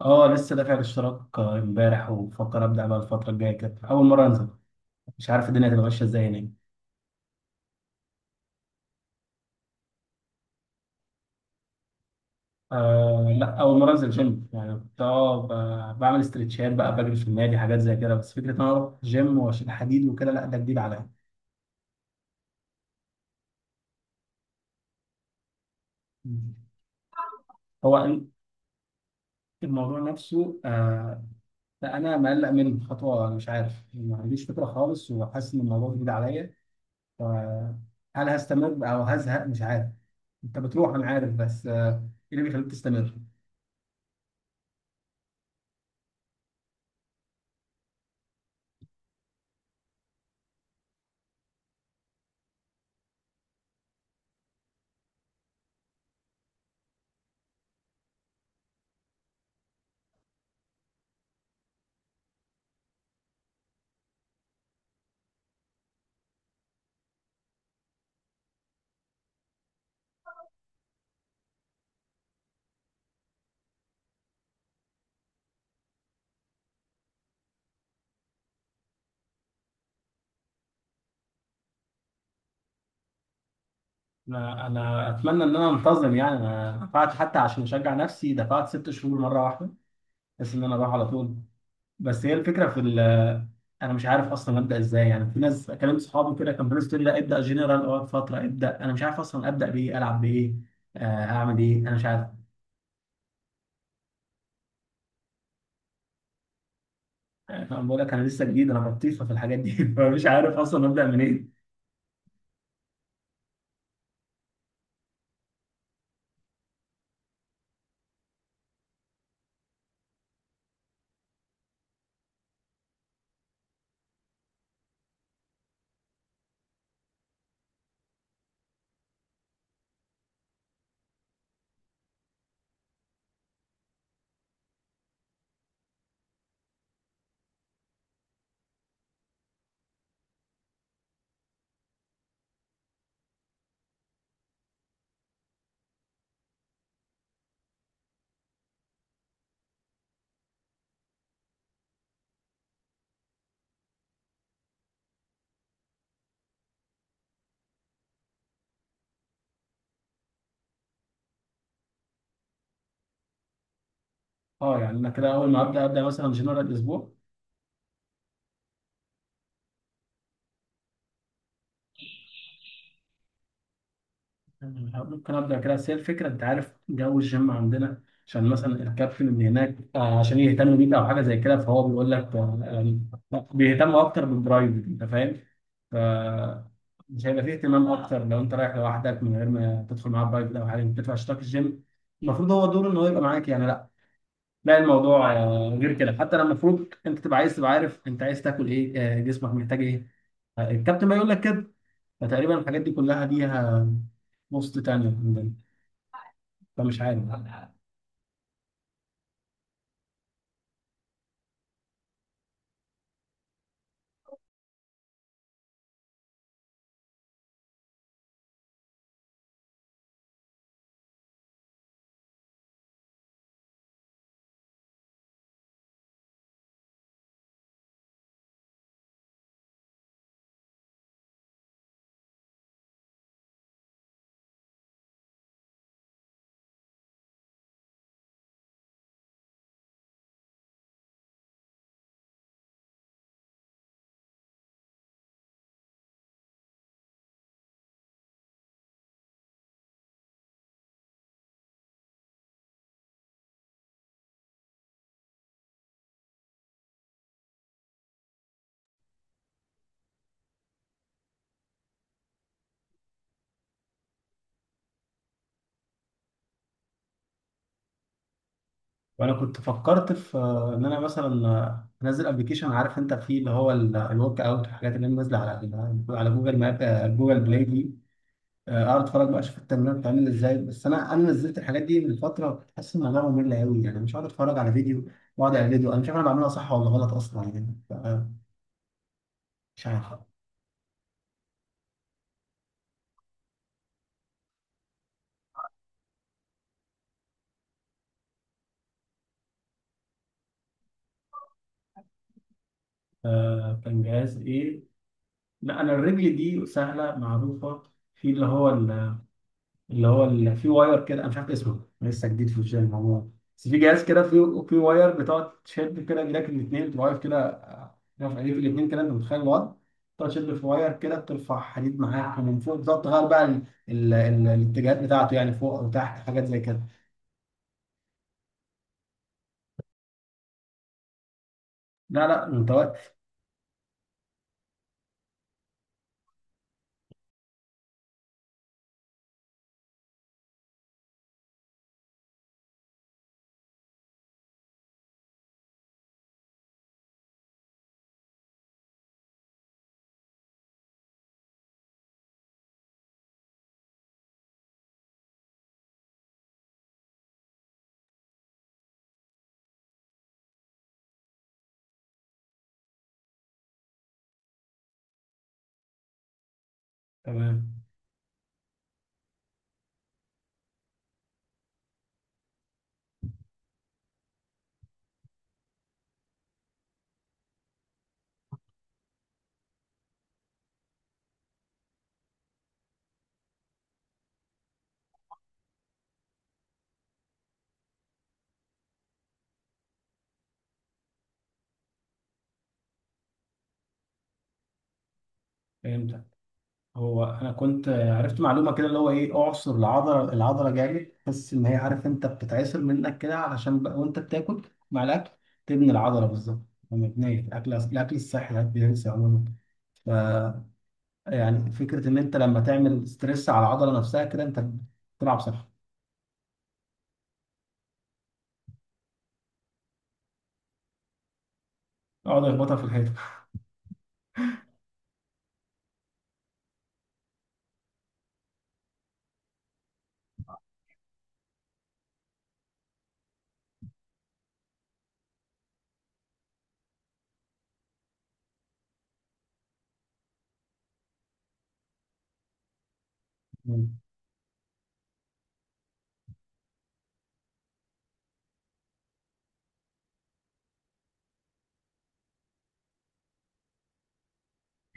اه، لسه دافع الاشتراك، امبارح وبفكر ابدا بقى الفتره الجايه كده اول مره انزل. مش عارف الدنيا هتبقى ماشيه ازاي هناك. آه، لا، اول مره انزل جيم، يعني كنت بعمل استرتشات بقى، بجري في النادي، حاجات زي كده. بس فكره ان انا اروح جيم واشيل حديد وكده، لا ده جديد عليا. هو الموضوع نفسه. لا، انا مقلق من خطوه، أنا مش عارف، ما عنديش فكره خالص، وحاسس ان الموضوع جديد عليا. ف- هل هستمر او هزهق؟ مش عارف. انت بتروح انا عارف، بس ايه اللي بيخليك تستمر؟ أنا اتمنى ان انا انتظم، يعني انا دفعت حتى عشان اشجع نفسي، دفعت 6 شهور مره واحده. بس ان انا اروح على طول. بس هي الفكره في ال انا مش عارف اصلا ابدا ازاي، يعني في ناس كلمت صحابي كده كان بيقولوا لي لا ابدا جنرال، اقعد فتره ابدا، انا مش عارف اصلا ابدا بايه العب بايه. آه، اعمل ايه؟ انا مش عارف. انا بقول لك، انا لسه جديد، انا بطيخه في الحاجات دي فمش عارف اصلا ابدا منين. اه، يعني انا كده اول ما ابدا مثلا جنرال اسبوع. ممكن ابدا كده، بس هي الفكره، انت عارف جو الجيم عندنا، عشان مثلا الكابتن اللي هناك عشان يهتم بيك او حاجه زي كده، فهو بيقول لك يعني لا، بيهتموا اكتر بالبرايفت، انت فاهم؟ ف مش هيبقى فيه اهتمام اكتر لو انت رايح لوحدك من غير ما تدخل معاه برايفت او حاجه. انت بتدفع اشتراك الجيم، المفروض هو دوره ان هو يبقى معاك يعني. لا، لا الموضوع غير كده، حتى لما المفروض انت تبقى عايز تبقى عارف انت عايز تاكل ايه، جسمك محتاج ايه، الكابتن ما يقول لك كده. فتقريبا الحاجات دي كلها ليها بوست تانية، فمش عارف. وانا كنت فكرت في ان انا مثلا انزل ابلكيشن، عارف انت فيه اللي هو الورك اوت والحاجات اللي نازله على جوجل ماب، جوجل بلاي دي، اقعد اتفرج بقى اشوف التمرين بتعمل ازاي. بس انا نزلت الحاجات دي من فتره، كنت حاسس ان انا ممل قوي، يعني مش هقعد اتفرج على فيديو واقعد على فيديو انا مش عارف انا بعملها صح ولا غلط اصلا، يعني. مش عارف. كان جهاز ايه؟ لا، انا الرجل دي سهله معروفه. في اللي هو اللي فيه واير كده، انا مش عارف اسمه، لسه جديد في الجيم هو. بس في جهاز كده فيه واير بتقعد تشد كده ايدك الاثنين، بتبقى واقف كده، واقف ايديك الاثنين كده، انت متخيل الوضع؟ تقعد تشد في واير كده، بترفع حديد معاك، ومن فوق بتقعد تغير بقى الاتجاهات بتاعته، يعني فوق او تحت، حاجات زي كده. لا، لا متوقع. تمام. فهمت. هو انا كنت عرفت معلومه كده، اللي هو ايه، اعصر العضله، العضله جامد تحس ان هي، عارف انت بتتعصر منك كده علشان بقى، وانت بتاكل مع الاكل تبني العضله بالظبط. مبنيه الاكل، الصحي ده بينسى عموما. ف يعني فكره ان انت لما تعمل ستريس على العضله نفسها كده، انت بتلعب صح. اقعد اخبطها في الحيطه. مم.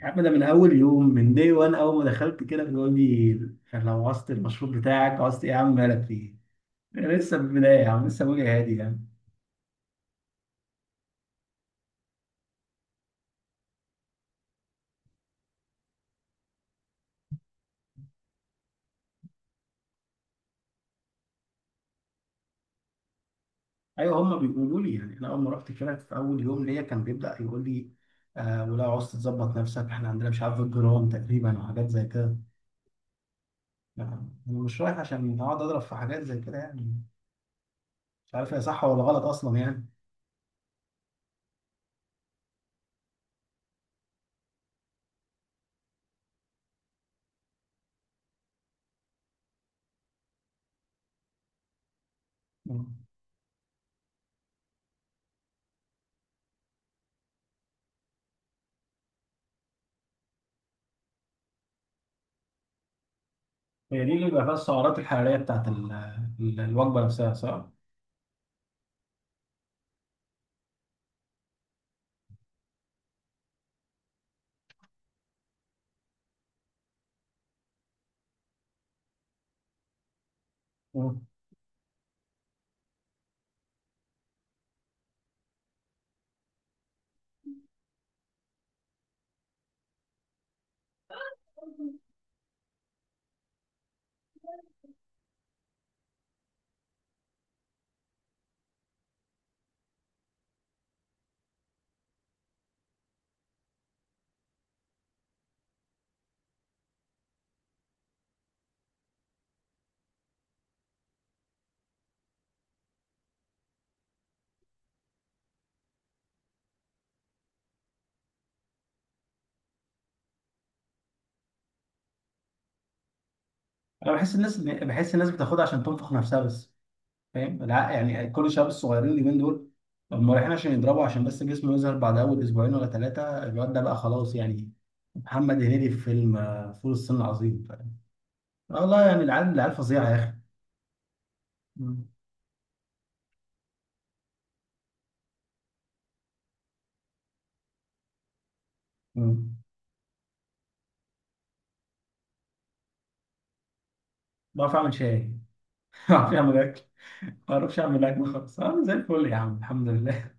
يا عم، ده من اول يوم من دي، وان اول ما دخلت كده بيقول لي: لو عوزت المشروب بتاعك، عوزت ايه يا عم، مالك فيه، لسه في البدايه يا عم، لسه بقولي هادي يعني. ايوه، هم بيقولوا لي، يعني انا اول ما رحت كده في اول يوم ليا كان بيبدا يقول لي: آه، ولا عاوز تظبط نفسك، احنا عندنا مش عارف الجرام تقريبا، وحاجات زي كده يعني. انا مش رايح عشان اقعد اضرب في حاجات زي كده يعني، مش عارف هي صح ولا غلط اصلا يعني. مم. هي دي اللي بيبقى فيها السعرات الحراريه بتاعت الوجبه نفسها، صح؟ مم. انا بحس الناس بتاخدها عشان تنفخ نفسها بس. فاهم؟ لا، يعني كل الشباب الصغيرين اليومين دول، هم رايحين عشان يضربوا عشان بس جسمه يظهر. بعد اول اسبوعين ولا ثلاثه الواد ده بقى خلاص، يعني محمد هنيدي في فيلم فول الصين العظيم. آه والله، يعني العيال العيال فظيعه يا اخي. مم. مم. بعرف اعمل شاي، بعرف اعمل اكل. ما بعرفش اعمل اكل خالص، انا زي الفل يا عم الحمد لله.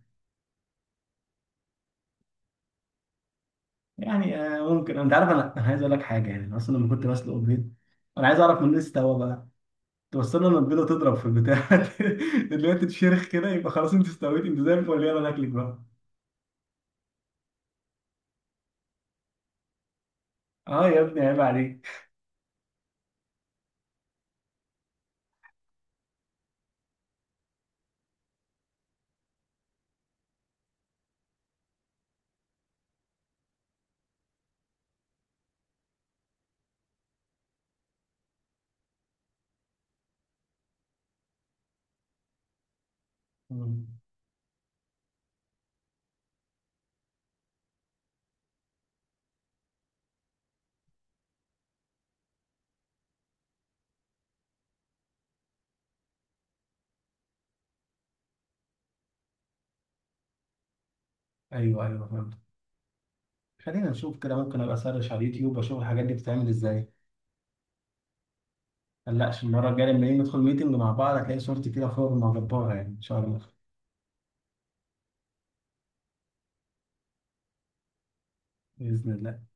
يعني، ممكن، انت عارف انا عايز اقول لك حاجه، يعني أنا اصلا لما كنت بسلق البيض، انا عايز اعرف من الناس استوى بقى، توصلنا ان البيضه تضرب في البتاع اللي هي تتشرخ كده، يبقى خلاص انت استويت، انت زي الفل، يلا ناكلك بقى. اه يا ابني، عيب عليك. مم. ايوه، ايوه، فهمت. خلينا نشوف كده، ممكن ابقى اسرش على اليوتيوب اشوف الحاجات دي بتتعمل ازاي. قلقش، المرة الجاية لما نيجي ندخل ميتنج مع بعض، هتلاقي صورتي كده فورمة جبارة، يعني إن شاء الله. بإذن الله.